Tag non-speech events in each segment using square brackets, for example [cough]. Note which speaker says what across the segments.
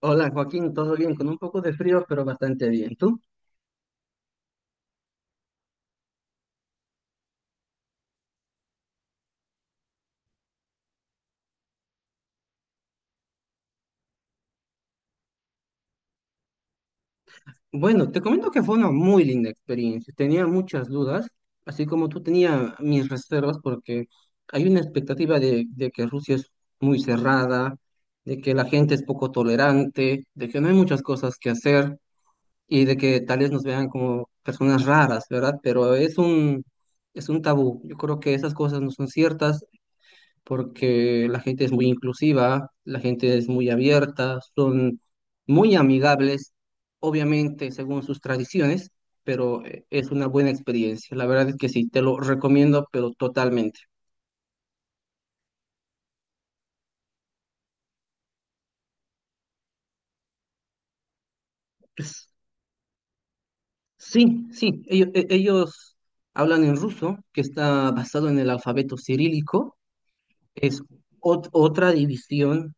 Speaker 1: Hola Joaquín, todo bien, con un poco de frío, pero bastante bien. ¿Tú? Bueno, te comento que fue una muy linda experiencia. Tenía muchas dudas, así como tú tenía mis reservas, porque hay una expectativa de que Rusia es muy cerrada, de que la gente es poco tolerante, de que no hay muchas cosas que hacer y de que tal vez nos vean como personas raras, ¿verdad? Pero es un tabú. Yo creo que esas cosas no son ciertas, porque la gente es muy inclusiva, la gente es muy abierta, son muy amigables, obviamente según sus tradiciones, pero es una buena experiencia. La verdad es que sí, te lo recomiendo, pero totalmente. Pues, sí, sí, ellos hablan en ruso, que está basado en el alfabeto cirílico, es otra división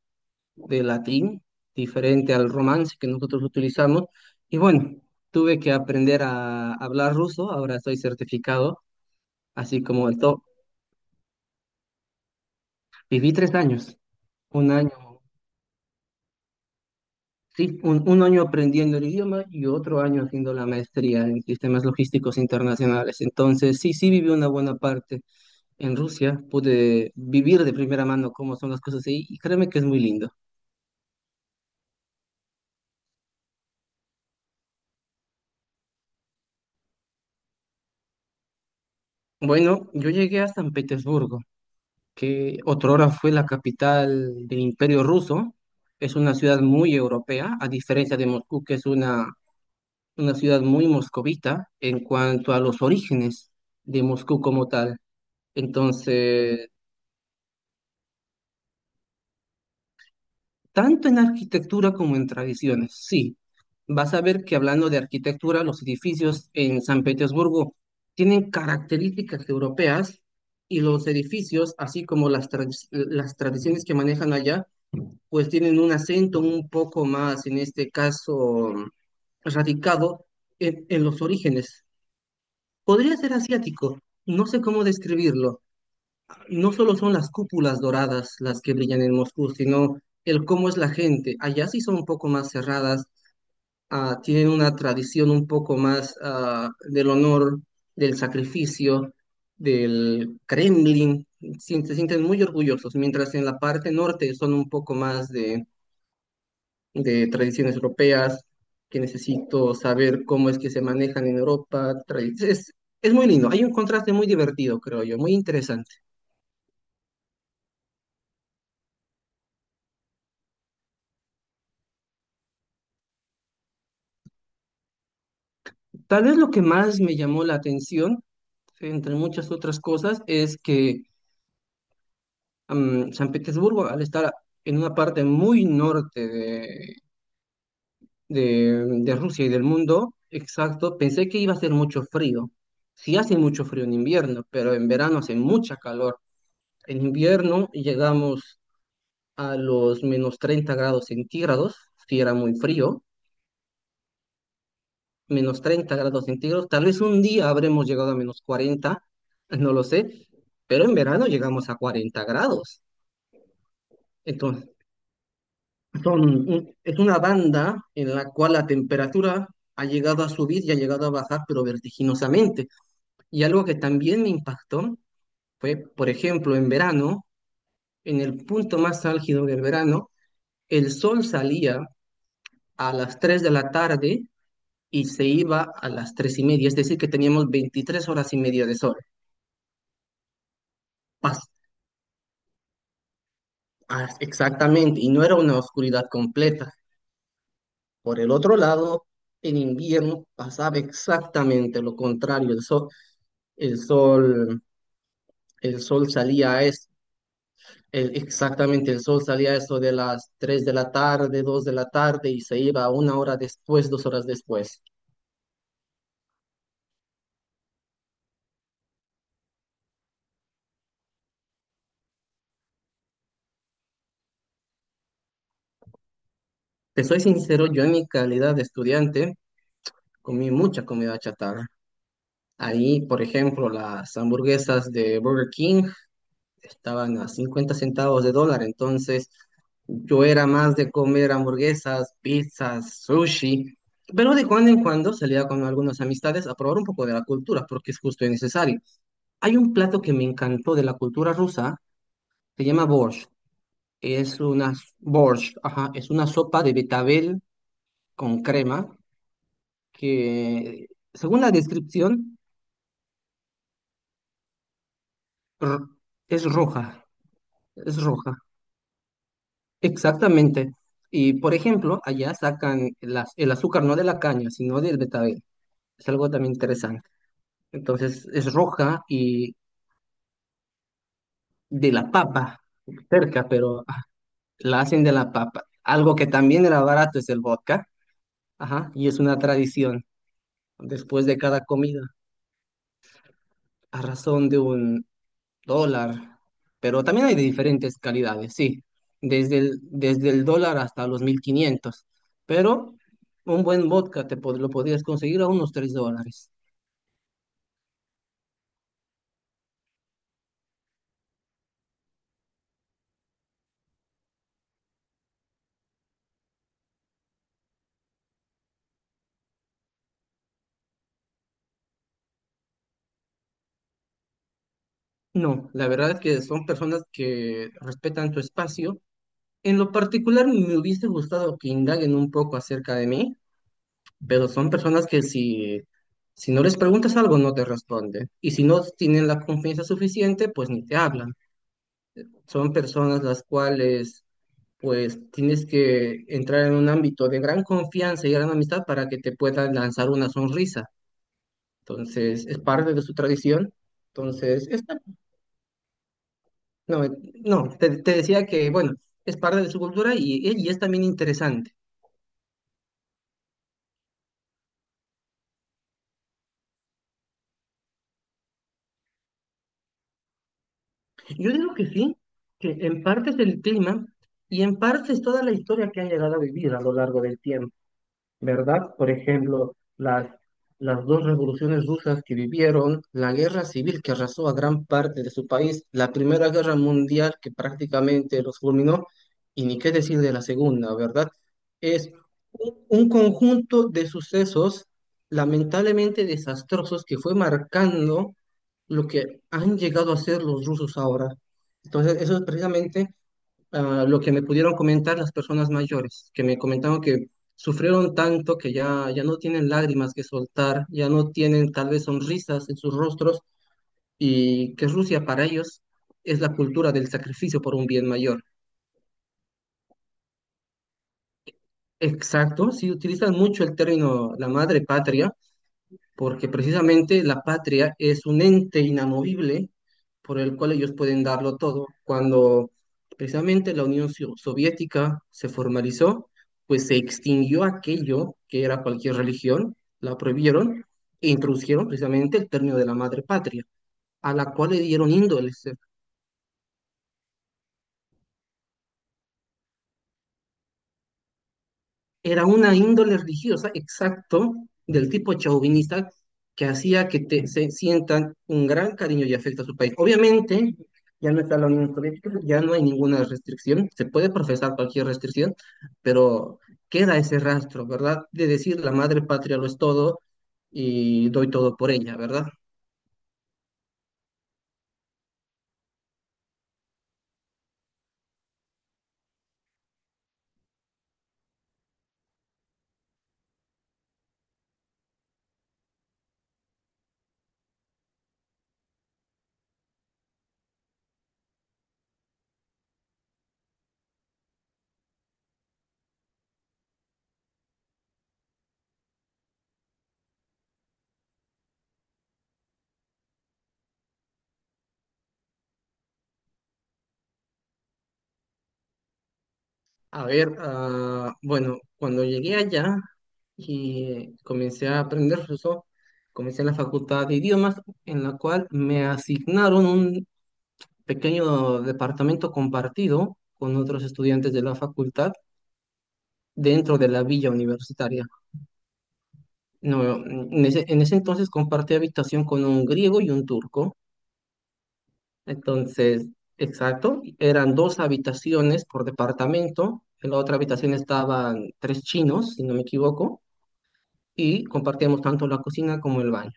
Speaker 1: de latín, diferente al romance que nosotros utilizamos. Y bueno, tuve que aprender a hablar ruso, ahora estoy certificado, así como el top. Viví 3 años, un año, sí, un año aprendiendo el idioma y otro año haciendo la maestría en sistemas logísticos internacionales. Entonces, sí, sí viví una buena parte en Rusia, pude vivir de primera mano cómo son las cosas ahí y créeme que es muy lindo. Bueno, yo llegué a San Petersburgo, que otrora fue la capital del Imperio Ruso. Es una ciudad muy europea, a diferencia de Moscú, que es una ciudad muy moscovita en cuanto a los orígenes de Moscú como tal. Entonces, tanto en arquitectura como en tradiciones, sí. Vas a ver que hablando de arquitectura, los edificios en San Petersburgo tienen características europeas y los edificios, así como las tradiciones que manejan allá, pues tienen un acento un poco más, en este caso, radicado en los orígenes. Podría ser asiático, no sé cómo describirlo. No solo son las cúpulas doradas las que brillan en Moscú, sino el cómo es la gente. Allá sí son un poco más cerradas, tienen una tradición un poco más del honor, del sacrificio, del Kremlin. Se sienten muy orgullosos, mientras en la parte norte son un poco más de tradiciones europeas, que necesito saber cómo es que se manejan en Europa. Es, es muy lindo, hay un contraste muy divertido, creo yo, muy interesante. Tal vez lo que más me llamó la atención, entre muchas otras cosas, es que San Petersburgo, al estar en una parte muy norte de Rusia y del mundo, exacto, pensé que iba a ser mucho frío. Sí hace mucho frío en invierno, pero en verano hace mucha calor. En invierno llegamos a los -30 °C, si era muy frío, -30 °C, tal vez un día habremos llegado a -40, no lo sé, pero en verano llegamos a 40 grados. Entonces, son es una banda en la cual la temperatura ha llegado a subir y ha llegado a bajar, pero vertiginosamente. Y algo que también me impactó fue, por ejemplo, en verano, en el punto más álgido del verano, el sol salía a las 3 de la tarde y se iba a las 3:30, es decir, que teníamos 23 horas y media de sol. Pas- Exactamente, y no era una oscuridad completa. Por el otro lado, en invierno pasaba exactamente lo contrario, el sol, el sol salía exactamente, el sol salía a eso de las 3 de la tarde, 2 de la tarde y se iba una hora después, 2 horas después. Te soy sincero, yo en mi calidad de estudiante comí mucha comida chatarra. Ahí, por ejemplo, las hamburguesas de Burger King estaban a 50 centavos de dólar, entonces yo era más de comer hamburguesas, pizzas, sushi, pero de cuando en cuando salía con algunas amistades a probar un poco de la cultura, porque es justo y necesario. Hay un plato que me encantó de la cultura rusa, se llama borsch. Es una Borsch, ajá, es una sopa de betabel con crema que, según la descripción, r- es roja, es roja. Exactamente. Y por ejemplo, allá sacan el azúcar no de la caña, sino del betabel. Es algo también interesante. Entonces es roja y de la papa, cerca, pero la hacen de la papa. Algo que también era barato es el vodka. Ajá, y es una tradición después de cada comida, a razón de un dólar, pero también hay de diferentes calidades, sí, desde el dólar hasta los 1500, pero un buen vodka lo podrías conseguir a unos $3. No, la verdad es que son personas que respetan tu espacio. En lo particular me hubiese gustado que indaguen un poco acerca de mí, pero son personas que si no les preguntas algo no te responden. Y si no tienen la confianza suficiente, pues ni te hablan. Son personas las cuales pues tienes que entrar en un ámbito de gran confianza y gran amistad para que te puedan lanzar una sonrisa. Entonces, es parte de su tradición. Entonces, no, no, te decía que, bueno, es parte de su cultura y es también interesante. Yo digo que sí, que en parte es el clima y en parte es toda la historia que han llegado a vivir a lo largo del tiempo. ¿Verdad? Por ejemplo, las dos revoluciones rusas que vivieron, la guerra civil que arrasó a gran parte de su país, la Primera Guerra Mundial que prácticamente los fulminó, y ni qué decir de la Segunda, ¿verdad? Es un conjunto de sucesos lamentablemente desastrosos que fue marcando lo que han llegado a ser los rusos ahora. Entonces, eso es precisamente lo que me pudieron comentar las personas mayores, que me comentaron que sufrieron tanto que ya, ya no tienen lágrimas que soltar, ya no tienen tal vez sonrisas en sus rostros y que Rusia para ellos es la cultura del sacrificio por un bien mayor. Exacto, si utilizan mucho el término la madre patria, porque precisamente la patria es un ente inamovible por el cual ellos pueden darlo todo. Cuando precisamente la Soviética se formalizó, pues se extinguió aquello que era cualquier religión, la prohibieron e introdujeron precisamente el término de la madre patria, a la cual le dieron índoles. Era una índole religiosa, exacto, del tipo chauvinista, que hacía que se sientan un gran cariño y afecto a su país. Obviamente, ya no está la Unión Soviética, ya no hay ninguna restricción, se puede profesar cualquier restricción, pero queda ese rastro, ¿verdad? De decir la madre patria lo es todo y doy todo por ella, ¿verdad? A ver, bueno, cuando llegué allá y comencé a aprender ruso, comencé en la facultad de idiomas, en la cual me asignaron un pequeño departamento compartido con otros estudiantes de la facultad dentro de la villa universitaria. No, en ese entonces compartí habitación con un griego y un turco. Entonces, exacto, eran dos habitaciones por departamento. En la otra habitación estaban tres chinos, si no me equivoco, y compartíamos tanto la cocina como el baño.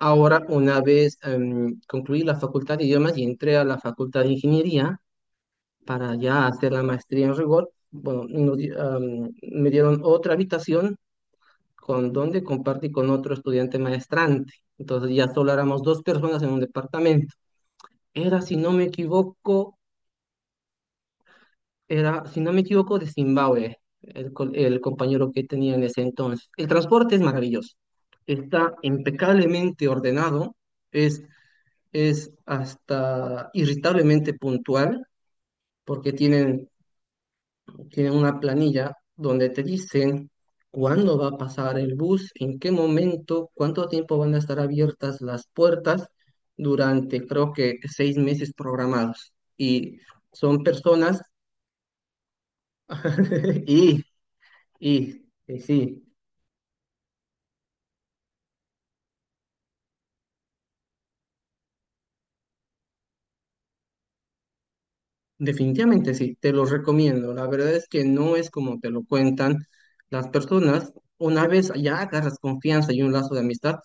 Speaker 1: Ahora, una vez concluí la facultad de idiomas y entré a la facultad de ingeniería para ya hacer la maestría en rigor, bueno, me dieron otra habitación con donde compartí con otro estudiante maestrante. Entonces ya solo éramos dos personas en un departamento. Era, si no me equivoco, Era, si no me equivoco, de Zimbabue, el compañero que tenía en ese entonces. El transporte es maravilloso, está impecablemente ordenado, es, es hasta irritablemente puntual, porque tienen una planilla donde te dicen cuándo va a pasar el bus, en qué momento, cuánto tiempo van a estar abiertas las puertas durante, creo que, 6 meses programados. Y son personas... [laughs] Y Y sí, definitivamente sí, te lo recomiendo. La verdad es que no es como te lo cuentan las personas. Una vez ya agarras confianza y un lazo de amistad,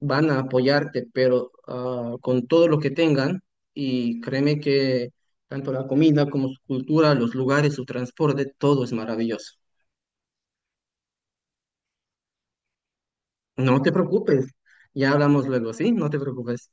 Speaker 1: van a apoyarte, pero con todo lo que tengan. Y créeme que tanto la comida como su cultura, los lugares, su transporte, todo es maravilloso. No te preocupes, ya hablamos luego, ¿sí? No te preocupes.